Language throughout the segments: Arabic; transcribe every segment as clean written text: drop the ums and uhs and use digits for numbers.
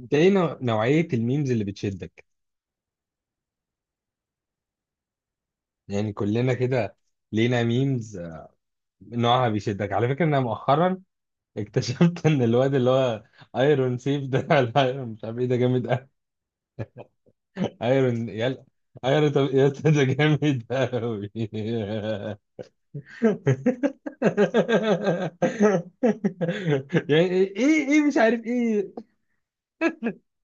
انت ايه نوعية الميمز اللي بتشدك؟ يعني كلنا كده لينا ميمز نوعها بيشدك على فكرة. انا مؤخرا اكتشفت ان الواد اللي هو ايرون سيف ده، ايرون مش عارف ايه، ده جامد قوي. ايرون يلا، ايرون طب يا اسطى ده جامد قوي. يعني ايه ايه إيه مش عارف ايه.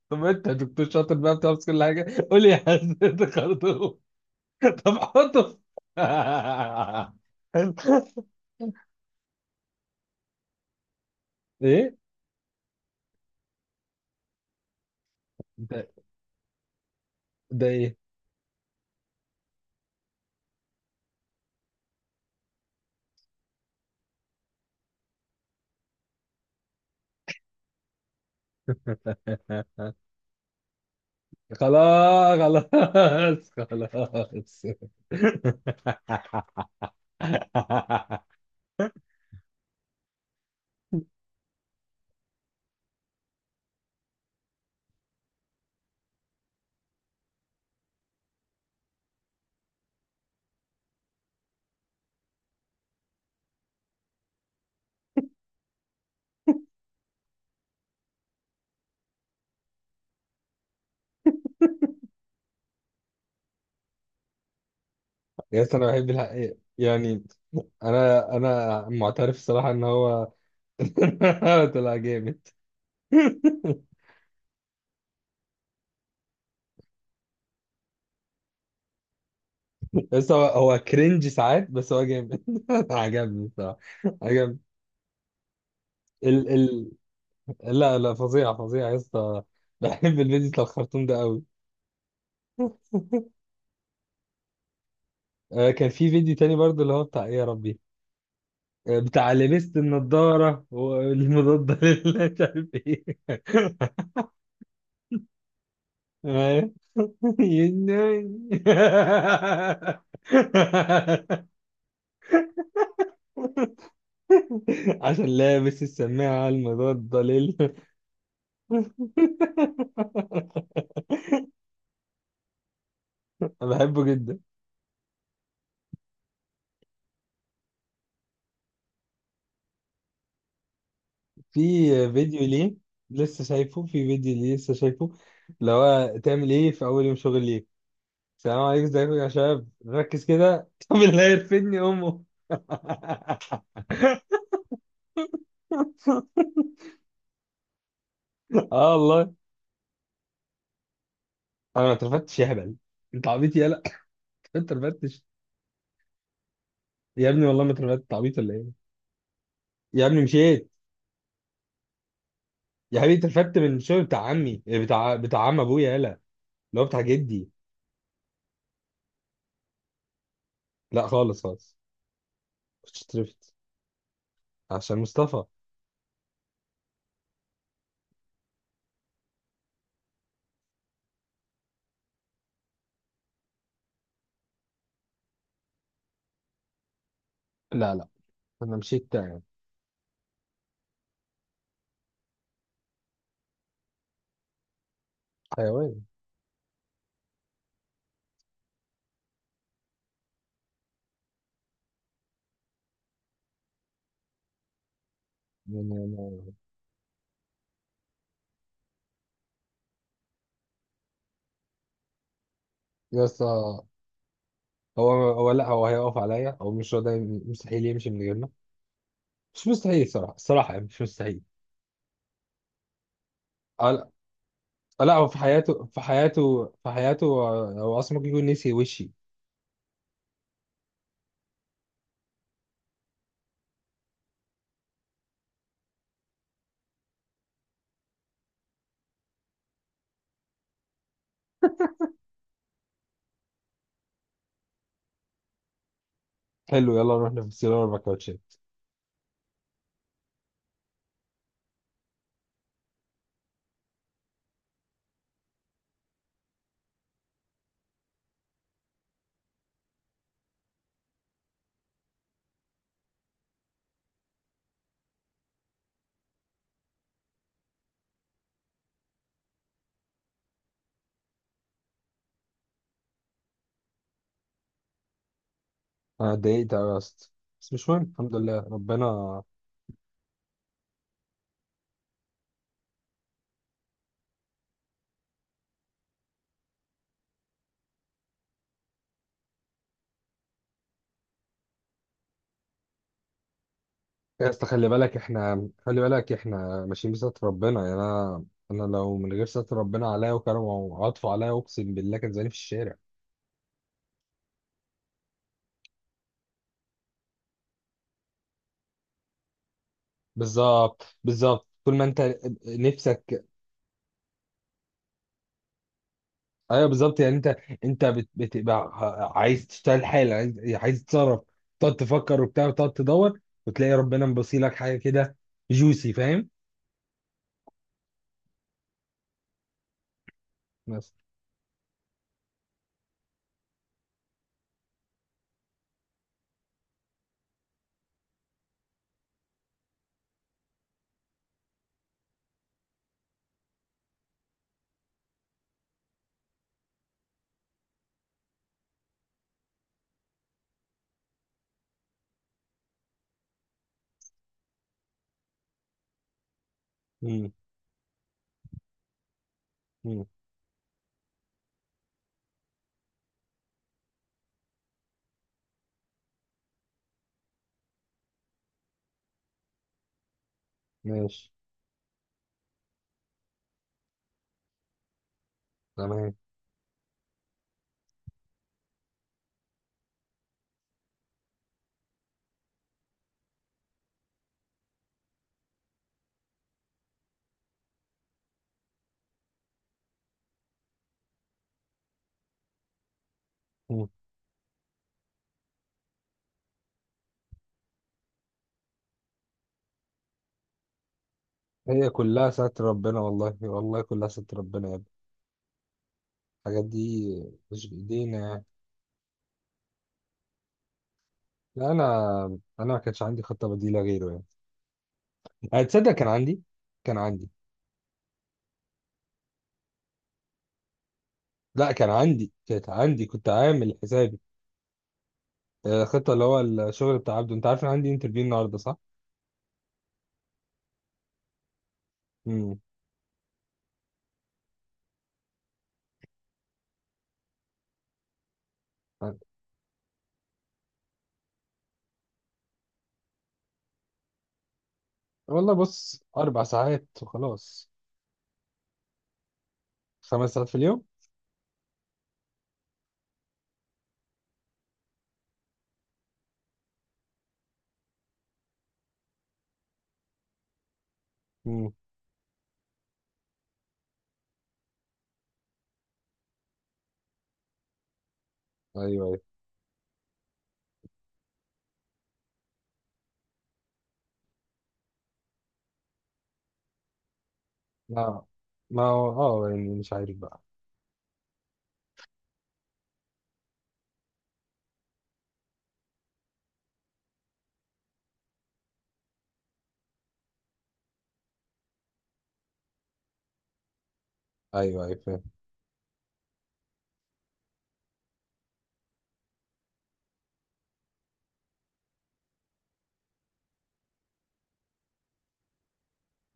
طب انت يا دكتور شاطر بقى بتعرف كل حاجة، قول لي يا حسن انت خرطوم. طب حطه. في- ايه ده ده ايه؟ خلاص خلاص خلاص. يا اسطى انا بحب الحق، يعني انا معترف الصراحه ان هو طلع جامد. بس هو، هو ساعات، بس هو جامد. عجبني الصراحه، عجبني ال لا، لا، فظيعة فظيعة يا اسطى. بحب الفيديو بتاع الخرطوم ده قوي. آه، كان في فيديو تاني برضه اللي هو بتاع ايه يا ربي. آه، بتاع لبست النضارة والمضادة لله مش عارف ايه. آه. يناي. عشان لابس السماعة المضادة لل، أنا بحبه جدا. في فيديو ليه في فيديو ليه لسه شايفه اللي هو تعمل ايه في اول يوم شغل ليك: السلام عليكم ازيكم يا شباب، ركز كده. طب اللي هيرفدني امه. اه والله. انا ما اترفدتش يا هبل. انت عبيط يالا. ما اترفدتش. يا ابني والله ما اترفدت، أنت عبيط ولا ايه؟ يا ابني مشيت. يا حبيبي اترفدت من الشغل بتاع عمي، إيه، بتاع عم ابويا يالا، اللي هو بتاع جدي. لا خالص خالص. كنت اترفدت عشان مصطفى. لا لا. انا مشيت يعني. حيوان. يعني يس، هو، هو، لا، هو هيقف عليا، هو مش هو ده. مستحيل يمشي من غيرنا. مش مستحيل صراحة، الصراحة يعني مش مستحيل. آه، لا. لا، هو في حياته في حياته، آه، هو اصلا ممكن يكون نسي وشي. حلو يلا نروح نفصل 4 كاوتشات. انا اتضايقت أوي يا اسطى، بس مش مهم، الحمد لله ربنا. يا اسطى خلي بالك احنا، ماشيين بستر ربنا، يعني انا، انا لو من غير ستر ربنا عليا وكرمه وعطفه عليا اقسم بالله كان زماني في الشارع. بالظبط بالظبط، طول ما انت نفسك. ايوه بالظبط، يعني انت، انت بتبقى عايز تشتغل حالا، عايز، عايز تتصرف تقعد تفكر وبتاع وتقعد تدور وتلاقي ربنا مبصيلك حاجه كده. جوسي فاهم؟ بس. مم. مم. ماشي. تمام. مم. هي كلها ستر ربنا، والله والله كلها ستر ربنا يا ابني. الحاجات دي مش بايدينا يعني. لا، انا، انا ما كانش عندي خطه بديله غيره، يعني هتصدق؟ كان عندي، كان عندي لا كان عندي، كانت عندي كنت عامل حسابي. آه، خطة اللي هو الشغل بتاع عبده. انت عارف ان عندي انترفيو النهارده صح؟ امم. والله بص 4 ساعات وخلاص. 5 ساعات في اليوم؟ امم. ايوه ايوه. لا، ما هو، اه يعني مش عارف بقى. ايوه ايوه فاهم.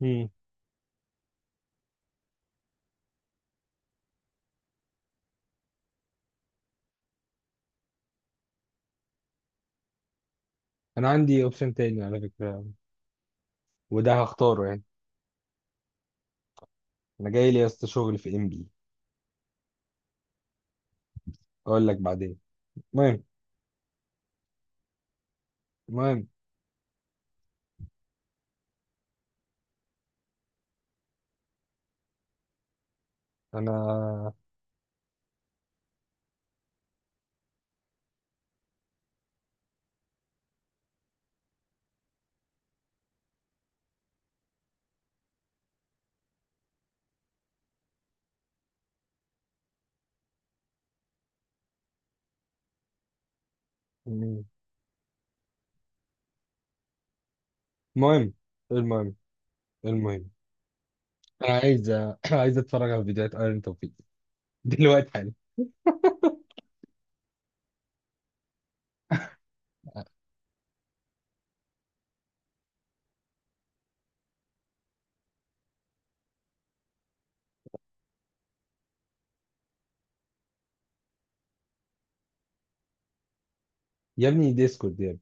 امم. انا عندي اوبشن تاني على فكرة، وده هختاره يعني. انا جاي لي يا اسطى شغل في MP. اقول لك بعدين. المهم، المهم انا مم. المهم المهم المهم انا عايز عايز اتفرج على فيديوهات ايرون توفيق دلوقتي حالا. يا ابني ديسكورد.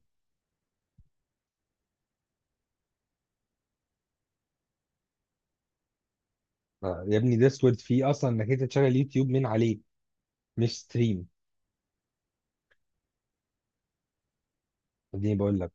آه، يا ابني ديسورد فيه اصلا انك انت تشغل يوتيوب من عليه، مش ستريم. اديني بقول لك.